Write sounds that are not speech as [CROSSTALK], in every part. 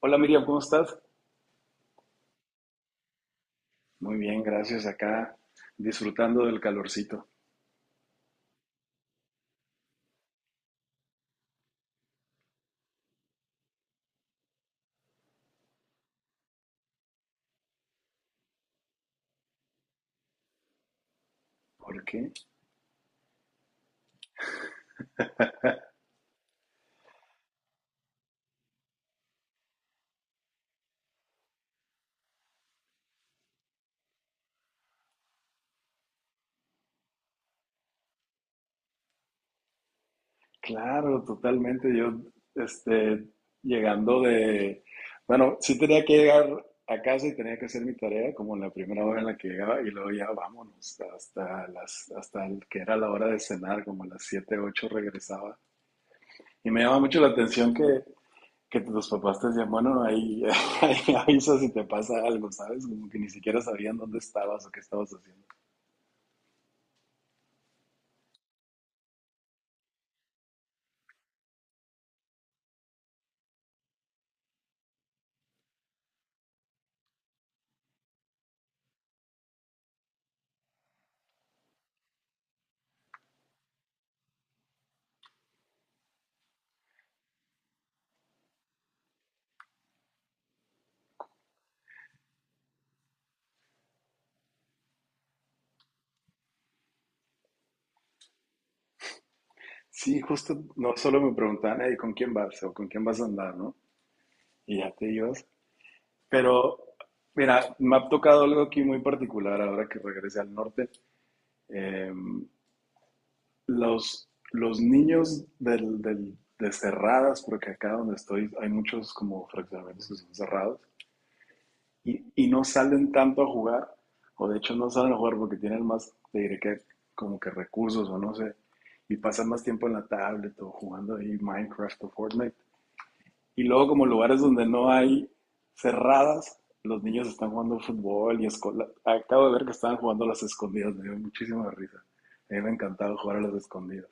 Hola Miriam, ¿cómo estás? Muy bien, gracias. Acá disfrutando del calorcito. ¿Por qué? Claro, totalmente. Yo, este, llegando de... Bueno, sí tenía que llegar a casa y tenía que hacer mi tarea como en la primera hora en la que llegaba y luego ya vámonos hasta el que era la hora de cenar, como a las 7, 8 regresaba. Y me llama mucho la atención que tus papás te decían, bueno, ahí, [LAUGHS] ahí avisa si te pasa algo, ¿sabes? Como que ni siquiera sabían dónde estabas o qué estabas haciendo. Sí, justo no solo me preguntaban, "Hey, ¿con quién vas? O ¿con quién vas a andar, no? Y ya te ibas. Pero, mira, me ha tocado algo aquí muy particular ahora que regresé al norte. Eh, los niños de cerradas, porque acá donde estoy hay muchos como fraccionamientos que son cerrados, y no salen tanto a jugar, o de hecho no salen a jugar porque tienen más, te diré que como que recursos o no sé, y pasan más tiempo en la tablet o jugando ahí Minecraft o Fortnite. Y luego como lugares donde no hay cerradas, los niños están jugando fútbol y escola. Acabo de ver que estaban jugando a las escondidas, me dio muchísima risa. A mí me encantaba jugar a las escondidas.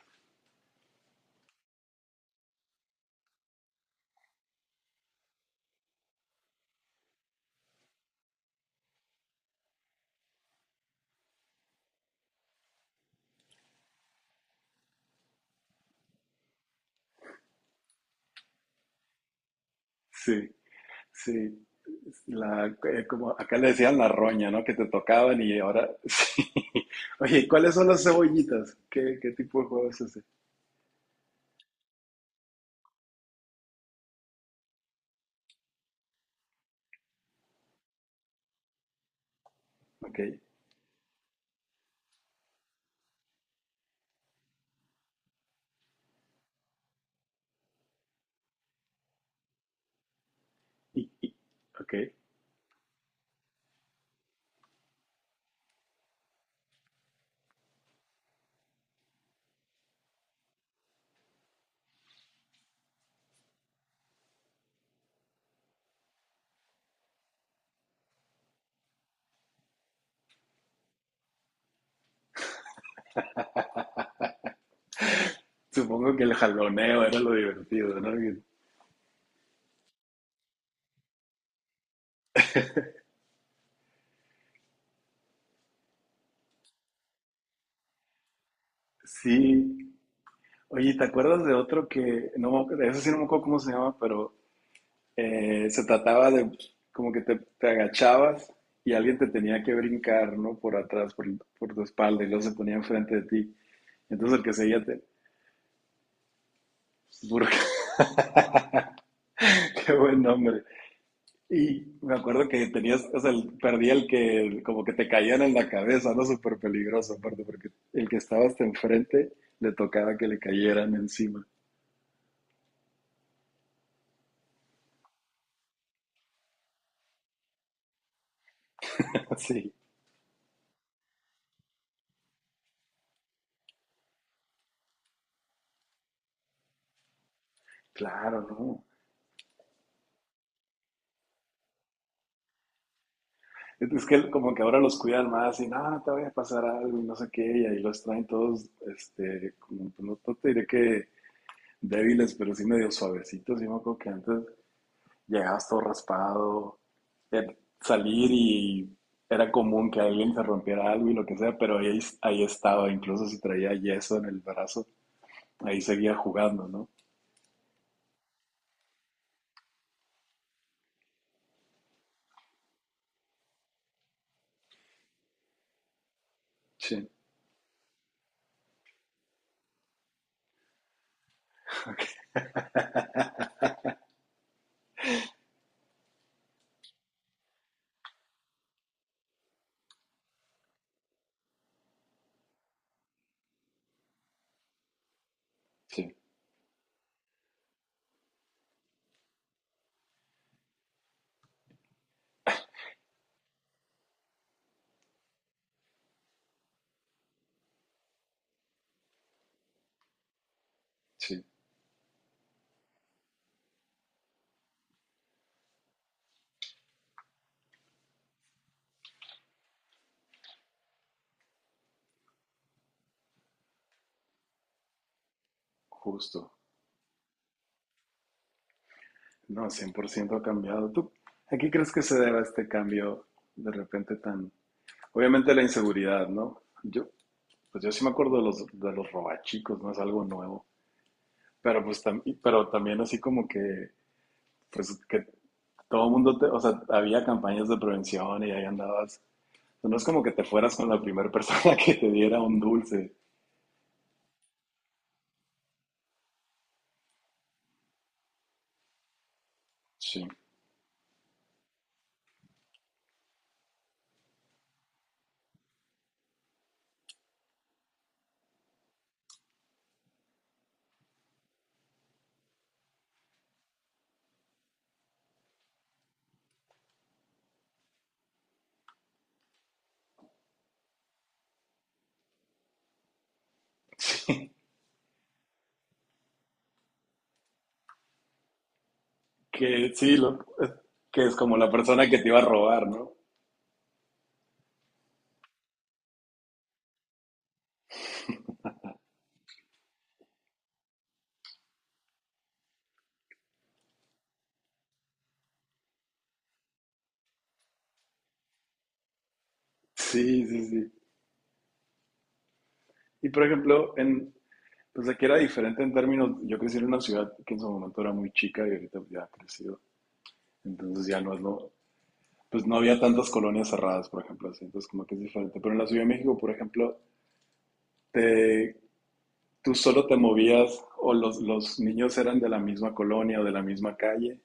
Sí, sí. La, como acá le decían la roña, ¿no? Que te tocaban y ahora [LAUGHS] sí. Oye, ¿y ¿cuáles son las cebollitas? ¿Qué, qué tipo de juego es ese? Ok. Y- y- ok. Supongo que el jaloneo era lo divertido, ¿no? Sí. Oye, ¿te acuerdas de otro que, no, eso sí no me acuerdo cómo se llama, pero se trataba de pues, como que te agachabas y alguien te tenía que brincar, ¿no? Por atrás, por tu espalda y luego se ponía enfrente de ti. Entonces el que seguía te burcaba. [LAUGHS] Qué buen nombre. Y me acuerdo que tenías, o sea, el- perdía el que como que te caían en la cabeza, ¿no? Súper peligroso, aparte, porque el que estabas hasta enfrente le tocaba que le cayeran encima. [LAUGHS] Sí. Claro, ¿no? Es que como que ahora los cuidan más y no, no te vaya a pasar algo y no sé qué, y ahí los traen todos, este, como, pues, no, no te diré que débiles, pero sí medio suavecitos. Y me acuerdo que antes llegabas todo raspado, salir y era común que alguien se rompiera algo y lo que sea, pero ahí estaba, incluso si traía yeso en el brazo, ahí seguía jugando, ¿no? Sí, sí, sí, justo. No, 100% ha cambiado. ¿Tú a qué crees que se deba este cambio de repente tan? Obviamente la inseguridad, ¿no? Yo, pues yo sí me acuerdo de los robachicos, no es algo nuevo, pero pues pero también así como que, pues que todo el mundo, te, o sea, había campañas de prevención y ahí andabas, no es como que te fueras con la primera persona [LAUGHS] que te diera un dulce, sí, [LAUGHS] sí, que sí, que es como la persona que te iba a robar, ¿no? Sí, sí, sí. Y por ejemplo, pues aquí era diferente en términos, yo crecí en una ciudad que en su momento era muy chica y ahorita ya ha crecido. Entonces ya no es lo, pues no había tantas colonias cerradas, por ejemplo, así, entonces como que es diferente. Pero en la Ciudad de México, por ejemplo, te, tú solo te movías o los niños eran de la misma colonia o de la misma calle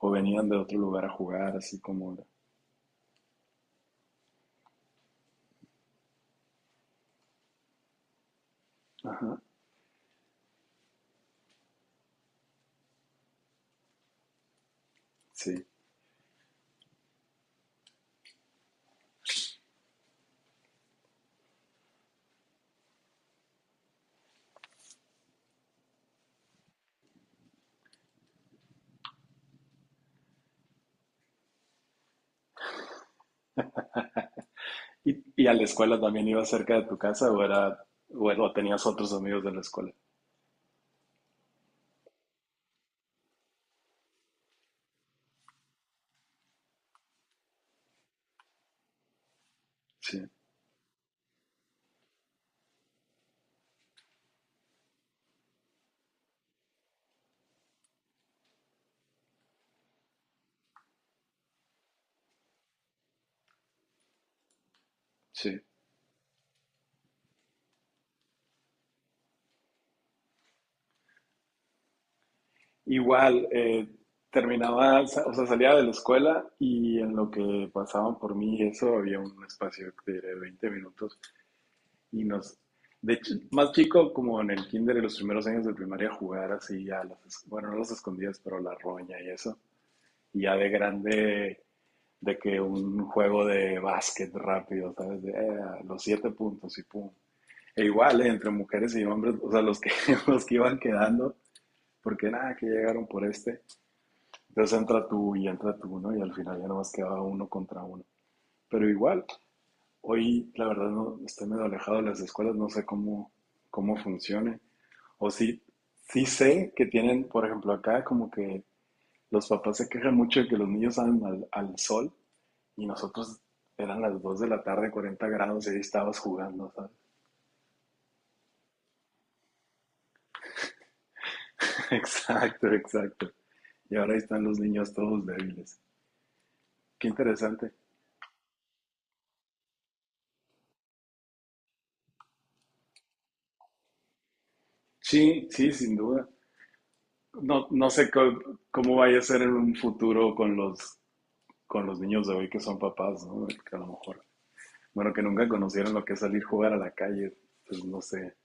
o venían de otro lugar a jugar, así como era. Ajá, sí. ¿Y a la escuela también ibas cerca de tu casa o tenías otros amigos de la escuela? Sí, sí. Igual, terminaba, o sea, salía de la escuela y en lo que pasaban por mí, y eso había un espacio de 20 minutos y nos, de hecho, más chico, como en el kinder, y los primeros años de primaria, jugar así a las, bueno, no las escondidas, pero la roña y eso. Y ya de grande, de que un juego de básquet rápido, ¿sabes? De, los siete puntos y pum. E igual, entre mujeres y hombres, o sea, los que, [LAUGHS] los que iban quedando, porque nada, que llegaron por este. Entonces entra tú y entra tú, ¿no? Y al final ya nomás quedaba uno contra uno. Pero igual, hoy la verdad no estoy medio alejado de las escuelas, no sé cómo funcione. O sí, sí sé que tienen, por ejemplo, acá como que los papás se quejan mucho de que los niños salen al sol y nosotros eran las 2 de la tarde, 40 grados, y ahí estabas jugando, ¿sabes? [LAUGHS] Exacto, exacto. Y ahora ahí están los niños todos débiles. Qué interesante. Sí, sí, sin duda. No, no sé cómo vaya a ser en un futuro con los niños de hoy que son papás, ¿no? Que a lo mejor, bueno, que nunca conocieron lo que es salir a jugar a la calle, pues no sé,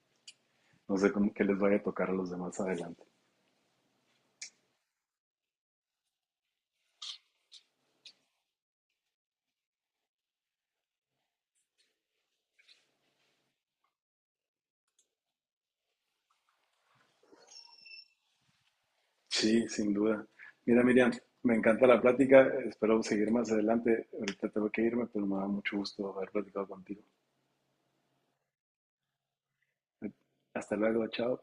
no sé cómo que les vaya a tocar a los demás adelante. Sí, sin duda. Mira, Miriam, me encanta la plática, espero seguir más adelante. Ahorita tengo que irme, pero me da mucho gusto haber platicado contigo. Hasta luego, chao.